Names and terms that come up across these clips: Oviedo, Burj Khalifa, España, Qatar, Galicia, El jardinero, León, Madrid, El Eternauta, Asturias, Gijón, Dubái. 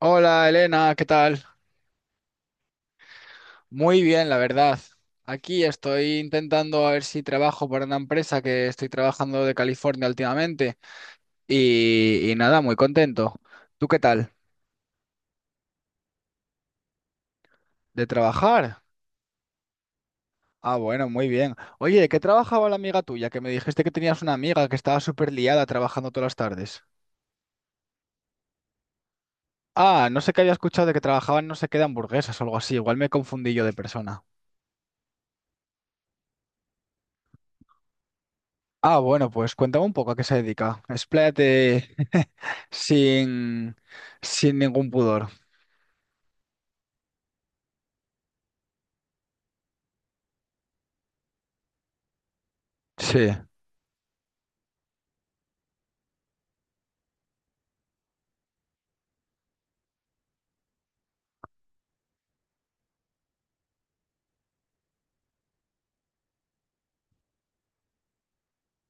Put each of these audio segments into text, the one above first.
Hola Elena, ¿qué tal? Muy bien, la verdad. Aquí estoy intentando a ver si trabajo para una empresa que estoy trabajando de California últimamente y nada, muy contento. ¿Tú qué tal? ¿De trabajar? Ah, bueno, muy bien. Oye, ¿de qué trabajaba la amiga tuya? Que me dijiste que tenías una amiga que estaba súper liada trabajando todas las tardes. Ah, no sé qué había escuchado de que trabajaban no sé qué de hamburguesas o algo así. Igual me confundí yo de persona. Ah, bueno, pues cuéntame un poco a qué se dedica. Expláyate sin, sin ningún pudor. Sí.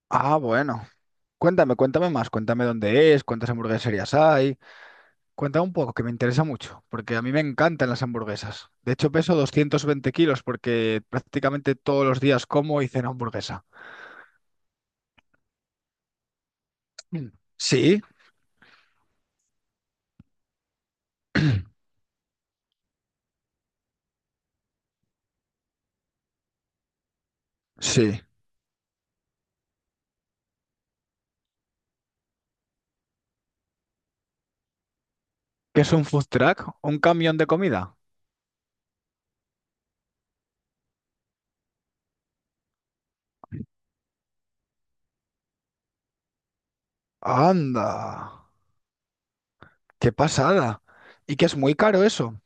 Ah, bueno. Cuéntame, cuéntame más. Cuéntame dónde es, cuántas hamburgueserías hay. Cuéntame un poco, que me interesa mucho, porque a mí me encantan las hamburguesas. De hecho, peso 220 kilos porque prácticamente todos los días como y ceno hamburguesa. Mm. Sí, sí. ¿Qué es un food truck? ¿Un camión de comida? Anda, qué pasada. ¿Y que es muy caro eso?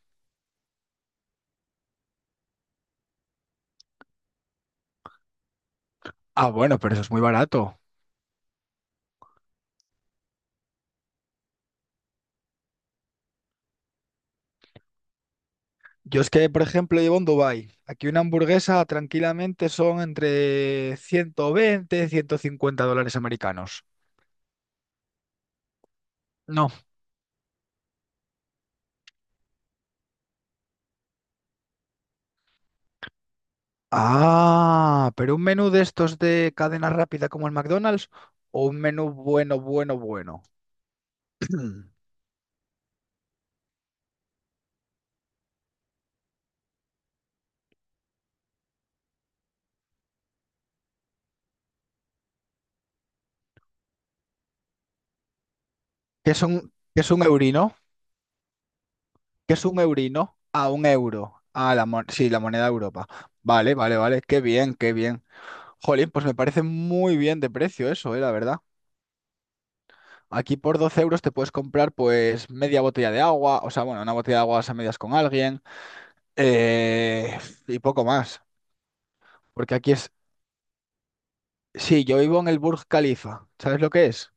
Ah, bueno, pero eso es muy barato. Yo es que, por ejemplo, llevo en Dubái. Aquí una hamburguesa tranquilamente son entre 120 y 150 dólares americanos. No. Ah, pero un menú de estos de cadena rápida como el McDonald's o un menú bueno, bueno, bueno. ¿Qué es un eurino? ¿Qué es un eurino? A un euro. Ah, sí, la moneda de Europa. Vale, vale, vale. Qué bien, qué bien. Jolín, pues me parece muy bien de precio eso, la verdad. Aquí por 12 euros te puedes comprar pues media botella de agua, o sea, bueno, una botella de agua a medias con alguien eh, y poco más. Porque aquí es, sí, yo vivo en el Burj Khalifa, ¿sabes lo que es?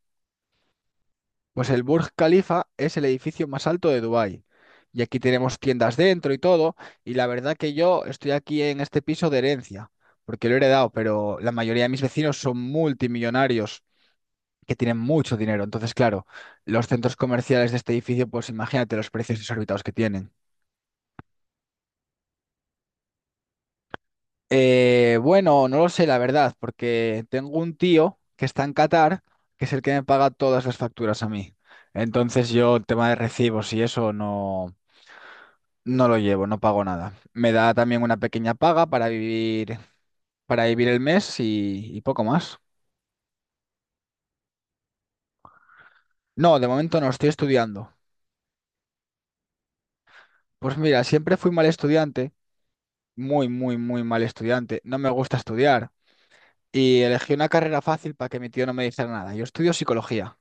Pues el Burj Khalifa es el edificio más alto de Dubái. Y aquí tenemos tiendas dentro y todo. Y la verdad que yo estoy aquí en este piso de herencia, porque lo he heredado, pero la mayoría de mis vecinos son multimillonarios que tienen mucho dinero. Entonces, claro, los centros comerciales de este edificio, pues imagínate los precios exorbitados que tienen. Bueno, no lo sé, la verdad, porque tengo un tío que está en Qatar, que es el que me paga todas las facturas a mí. Entonces yo el tema de recibos y eso no, no lo llevo, no pago nada. Me da también una pequeña paga para vivir el mes y poco más. No, de momento no, estoy estudiando. Pues mira, siempre fui mal estudiante, muy, muy, muy mal estudiante. No me gusta estudiar. Y elegí una carrera fácil para que mi tío no me dijera nada. Yo estudio psicología.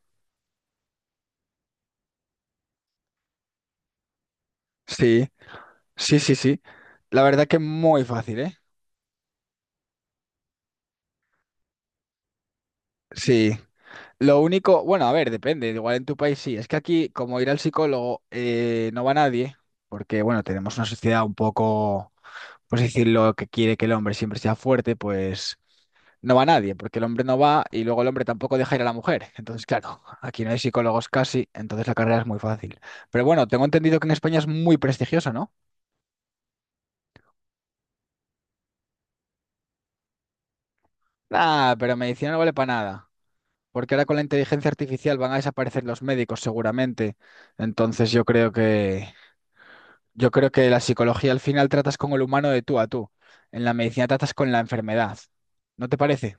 Sí. Sí, sí, sí. La verdad que es muy fácil, ¿eh? Sí. Lo único, bueno, a ver, depende. Igual en tu país sí. Es que aquí, como ir al psicólogo, no va nadie, porque, bueno, tenemos una sociedad un poco, pues decirlo, que quiere que el hombre siempre sea fuerte, pues no va nadie, porque el hombre no va y luego el hombre tampoco deja ir a la mujer. Entonces, claro, aquí no hay psicólogos casi, entonces la carrera es muy fácil. Pero bueno, tengo entendido que en España es muy prestigiosa, ¿no? Ah, pero medicina no vale para nada. Porque ahora con la inteligencia artificial van a desaparecer los médicos seguramente. Entonces yo creo que la psicología al final tratas con el humano de tú a tú. En la medicina tratas con la enfermedad. ¿No te parece?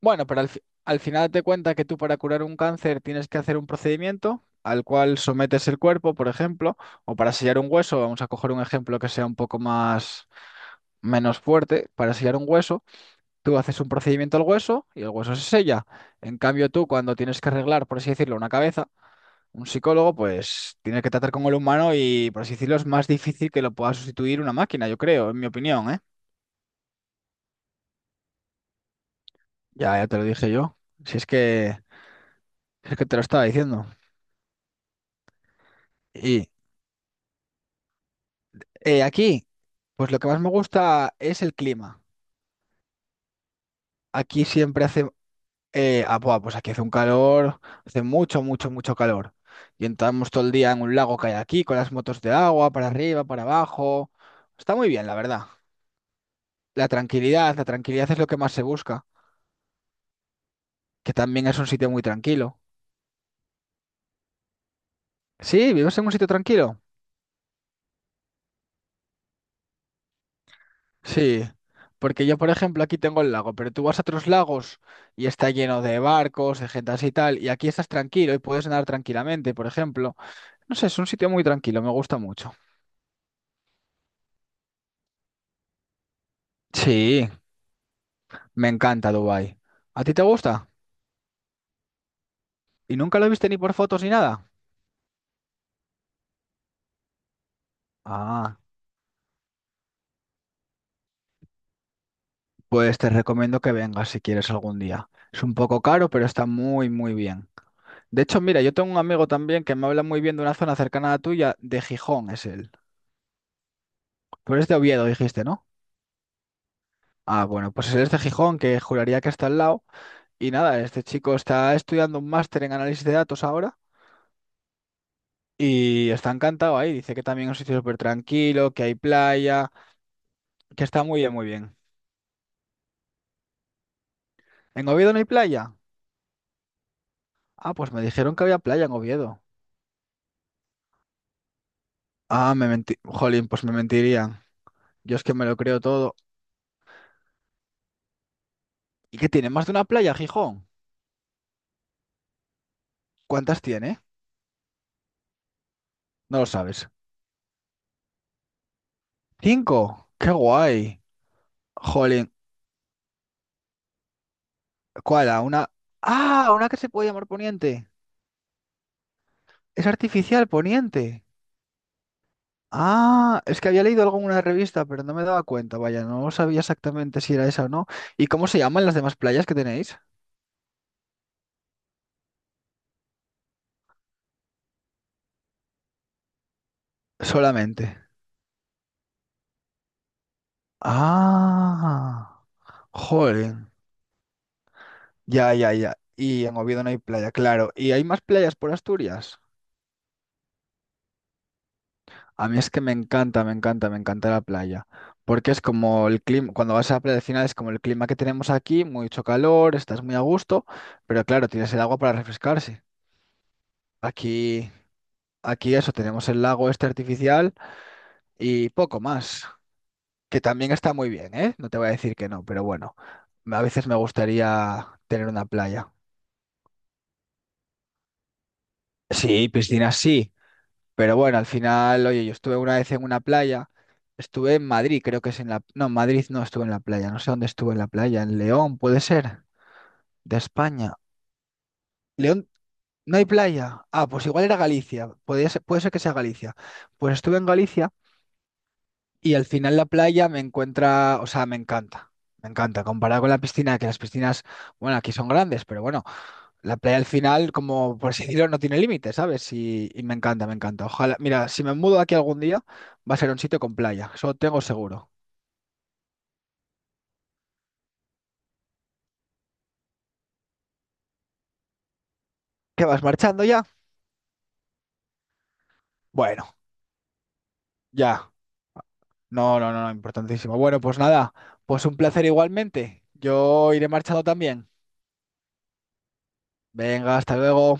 Bueno, pero al final te cuenta que tú para curar un cáncer tienes que hacer un procedimiento al cual sometes el cuerpo, por ejemplo, o para sellar un hueso, vamos a coger un ejemplo que sea un poco más menos fuerte, para sellar un hueso. Tú haces un procedimiento al hueso y el hueso se sella. En cambio, tú cuando tienes que arreglar, por así decirlo, una cabeza, un psicólogo, pues tiene que tratar con el humano y, por así decirlo, es más difícil que lo pueda sustituir una máquina, yo creo, en mi opinión, ¿eh? Ya, ya te lo dije yo. Si es que, si es que te lo estaba diciendo. Y aquí, pues lo que más me gusta es el clima. Aquí siempre hace. Ah, buah, pues aquí hace un calor, hace mucho, mucho, mucho calor. Y entramos todo el día en un lago que hay aquí, con las motos de agua, para arriba, para abajo. Está muy bien, la verdad. La tranquilidad es lo que más se busca, que también es un sitio muy tranquilo. Sí, ¿vives en un sitio tranquilo? Sí, porque yo, por ejemplo, aquí tengo el lago, pero tú vas a otros lagos y está lleno de barcos, de gente así y tal, y aquí estás tranquilo y puedes nadar tranquilamente, por ejemplo. No sé, es un sitio muy tranquilo, me gusta mucho. Sí. Me encanta Dubái. ¿A ti te gusta? ¿Y nunca lo viste ni por fotos ni nada? Ah, pues te recomiendo que vengas si quieres algún día. Es un poco caro, pero está muy, muy bien. De hecho, mira, yo tengo un amigo también que me habla muy bien de una zona cercana a la tuya, de Gijón es él. Pero es de Oviedo, dijiste, ¿no? Ah, bueno, pues él es de Gijón, que juraría que está al lado. Y nada, este chico está estudiando un máster en análisis de datos ahora y está encantado ahí. Dice que también es un sitio súper tranquilo, que hay playa, que está muy bien, muy bien. ¿En Oviedo no hay playa? Ah, pues me dijeron que había playa en Oviedo. Ah, me mentí. Jolín, pues me mentirían. Yo es que me lo creo todo. ¿Y qué tiene? ¿Más de una playa, Gijón? ¿Cuántas tiene? No lo sabes. ¿Cinco? ¡Qué guay! Jolín, ¿cuál? A una. ¡Ah! Una que se puede llamar Poniente. Es artificial, Poniente. Ah, es que había leído algo en una revista, pero no me daba cuenta. Vaya, no sabía exactamente si era esa o no. ¿Y cómo se llaman las demás playas que tenéis? Solamente. Ah, joder. Ya, ya, ya. Y en Oviedo no hay playa, claro. ¿Y hay más playas por Asturias? A mí es que me encanta, me encanta, me encanta la playa. Porque es como el clima, cuando vas a la playa al final es como el clima que tenemos aquí, mucho calor, estás muy a gusto, pero claro, tienes el agua para refrescarse. Aquí, aquí eso, tenemos el lago este artificial y poco más, que también está muy bien, ¿eh? No te voy a decir que no, pero bueno, a veces me gustaría tener una playa. Sí, piscina sí. Pero bueno, al final, oye, yo estuve una vez en una playa, estuve en Madrid, creo que es en la... No, en Madrid no estuve en la playa, no sé dónde estuve en la playa, en León, puede ser, de España. León, no hay playa. Ah, pues igual era Galicia, puede ser que sea Galicia. Pues estuve en Galicia. Y al final la playa me encuentra, o sea, me encanta, comparado con la piscina, que las piscinas, bueno, aquí son grandes, pero bueno, la playa al final, como por así decirlo, no tiene límites, ¿sabes? Y me encanta, me encanta. Ojalá, mira, si me mudo aquí algún día, va a ser un sitio con playa, eso tengo seguro. ¿Qué vas marchando ya? Bueno, ya. No, no, no, no, importantísimo. Bueno, pues nada, pues un placer igualmente. Yo iré marchando también. Venga, hasta luego.